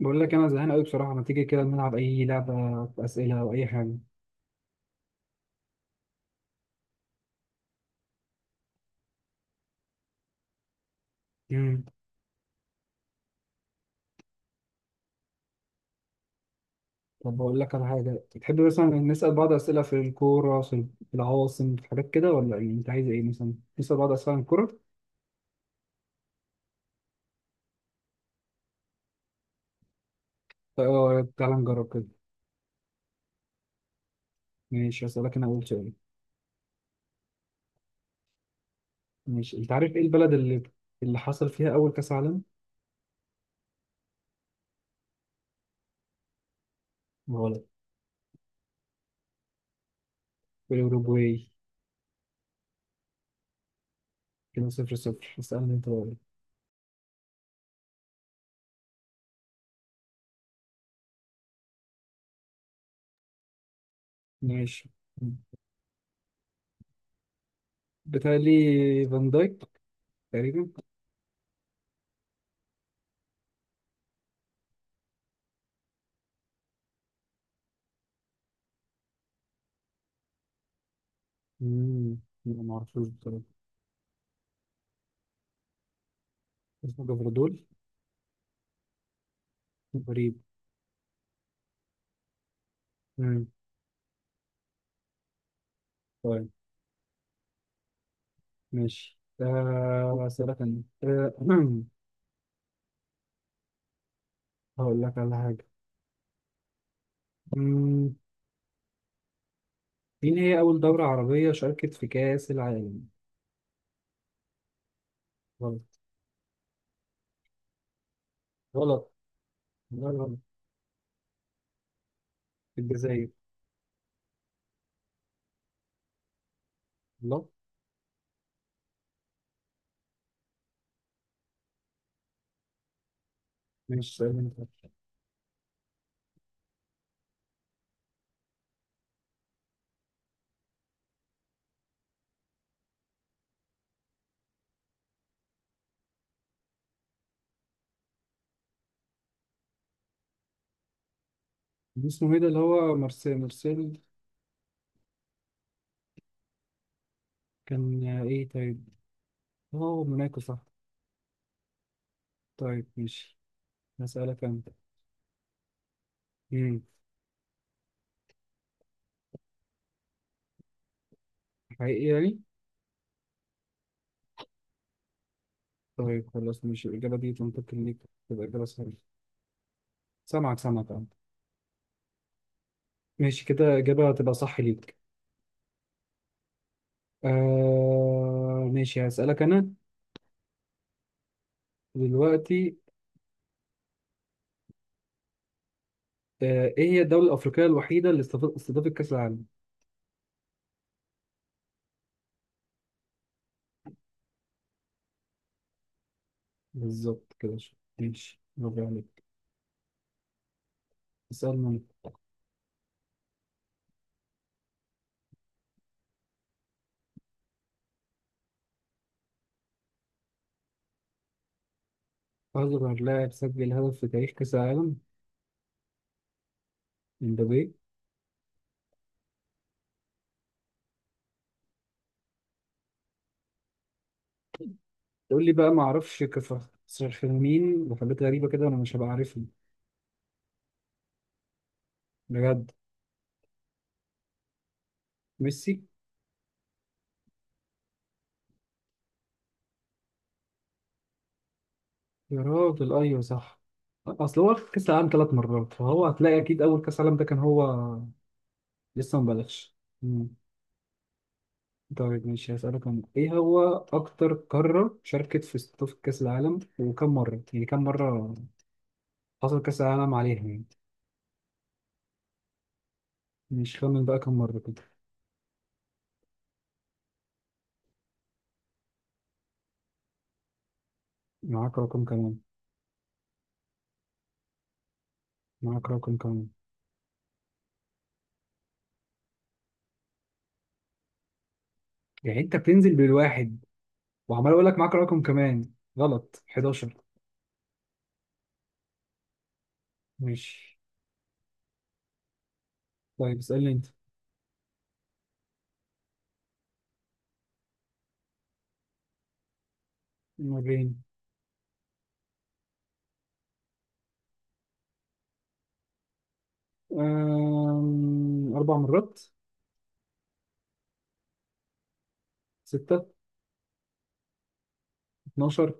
بقول لك انا زهقان قوي بصراحه. ما تيجي كده نلعب اي لعبه، اسئله او اي حاجه؟ امم طب بقول لك على حاجه تحب مثلا، نسال بعض اسئله في الكوره، في العواصم، في حاجات كده، ولا يعني انت عايز ايه مثلا؟ نسال بعض اسئله عن الكوره. طيب، تعال نجرب كده. ماشي، اسالك انا اول سؤال. ماشي، انت عارف ايه البلد اللي حصل فيها اول كاس عالم؟ غلط. الاوروجواي. كده 0-0. اسالني انت بقى. ماشي. بتهيألي فان دايك تقريبا. امم لا، ما اعرفوش بصراحه. اسمه جبردول. غريب. مم. طيب. ماشي، أسألك أنا هقول لك على حاجة. مم. مين هي أول دولة عربية شاركت في كأس العالم؟ غلط. غلط. لا، غلط. في الجزائر. الله. ماشي، سؤال أنت. اسمه إيه ده اللي هو؟ مرسيل مرسيل. كان إيه طيب؟ أه، موناكو صح. طيب ماشي، هسألك أنا. مم. حقيقي يعني؟ طيب خلاص، ماشي. الإجابة دي ممكن ليك تبقى إجابة صحيحة. سامعك، سامعك أنت. ماشي كده، إجابة تبقى صح ليك. ماشي، هسألك أنا دلوقتي. إيه هي الدولة الأفريقية الوحيدة اللي استضافت كأس العالم؟ بالظبط كده شو. ماشي، برافو عليك. اسألنا. أصغر لاعب سجل هدف في تاريخ كأس العالم. امبابي. تقول لي بقى ما أعرفش كفاخرين وحاجات غريبة كده، وأنا مش هبقى عارفهم. بجد. ميسي. يا راجل، أيوه صح. أصل هو واخد كأس العالم 3 مرات، فهو هتلاقي أكيد أول كأس عالم ده كان هو. لسه مبالغش. طيب ماشي، هسألك أنا. إيه هو أكتر قارة شاركت في استضافة كأس العالم وكم مرة؟ يعني كم مرة حصل كأس العالم عليها يعني؟ مش، خمن بقى كم مرة كده. معاك رقم كمان. معاك رقم كمان. يعني أنت بتنزل بالواحد، وعمال أقول لك معاك رقم كمان. غلط، 11. ماشي. طيب اسألني أنت. مرين. 4 مرات. ستة. 12.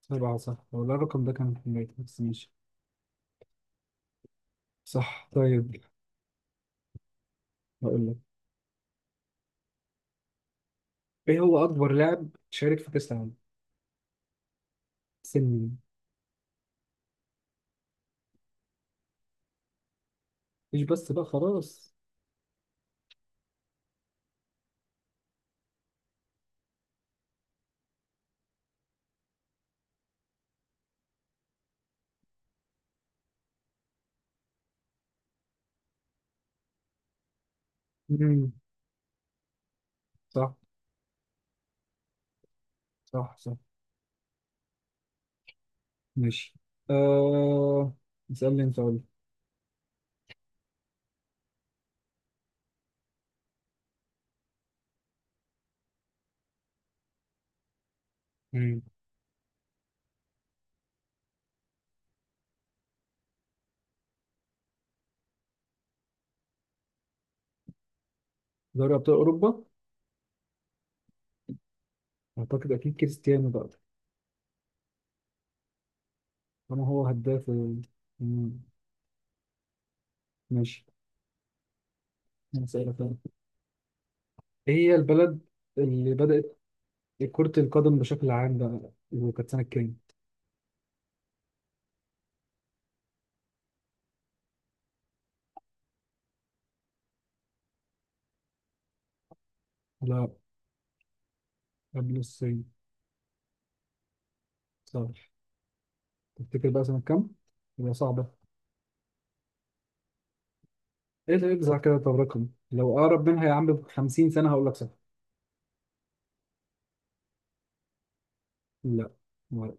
سبعة، صح ولا الرقم ده كان في البيت بس؟ ماشي. صح، طيب. هقول لك. ايه هو اكبر لاعب شارك في كاس العالم؟ سن مين؟ مش بس بقى، خلاص. امم. صح صح صح. ماشي، آه اسالني انت، قول. امم دوري ابطال اوروبا. اعتقد اكيد كريستيانو بقى. طالما هو هداف. مم. ماشي. أنا اسالك أنا. ايه هي البلد اللي بدات كرة القدم بشكل عام بقى، وكانت سنة كام؟ لا، قبل الصين. صح. تفتكر بقى سنة كام؟ هي صعبة. ايه ده يجزع كده؟ طب رقم لو اقرب منها يا عم ب 50 سنه هقول لك صفر. لا. ما-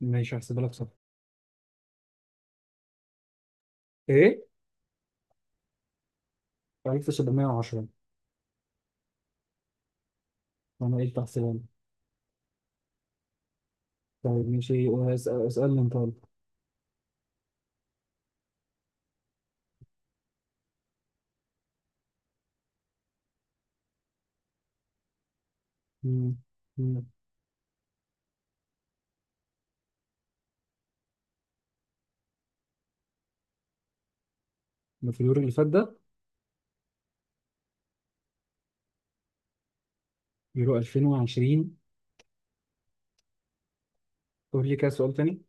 ماشي، هحسبها لك صفر. ايه؟ 1710. انا قلت هحسبها لك. طيب ماشي. اسالني انت، يلا. مم. مم. ما في اليورو اللي فات ده. يورو 2020. قول لي كده سؤال تاني.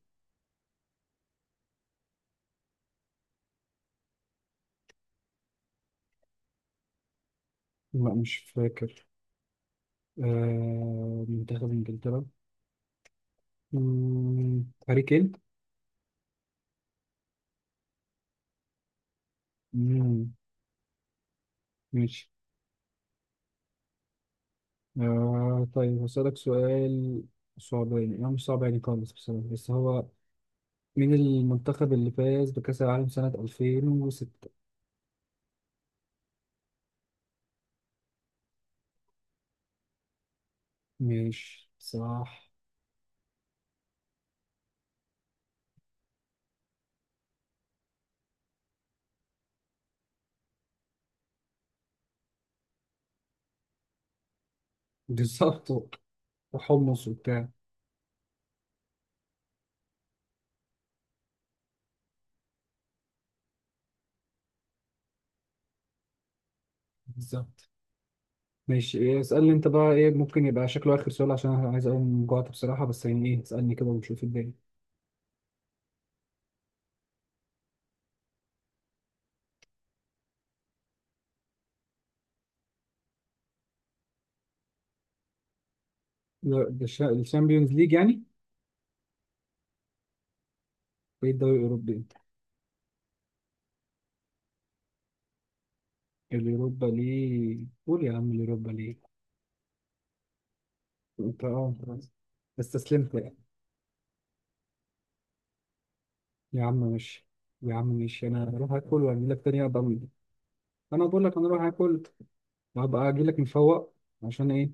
لا، مش فاكر. آه، منتخب انجلترا. مم. هاري كين. مم. ماشي. طيب هسألك سؤال صعب، يعني مش صعب يعني خالص بصراحة، بس هو مين المنتخب اللي فاز بكأس العالم سنة 2006؟ ماشي، صح. بالظبط. وحمص وبتاع. بالظبط. ماشي، إيه، اسألني انت بقى. ايه ممكن يبقى شكله آخر سؤال، عشان انا عايز اقوم، جوعت بصراحة. بس يعني ايه، اسألني كده ونشوف الدنيا. لا، ده الشامبيونز ليج يعني. ايه الدوري الأوروبي انت؟ اليوروبا ليج. قول يا عم، اليوروبا ليج. انت اه أنت استسلمت يعني. يا عم ماشي. يا عم ماشي، انا هروح اكل واجي لك تاني ابقى أقول لك. انا بقول لك، انا هروح اكل. هبقى اجي لك مفوق. عشان ايه؟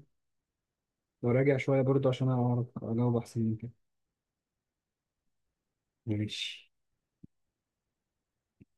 لو راجع شويه برضه عشان اعرف اجاوب احسن من كده. ماشي.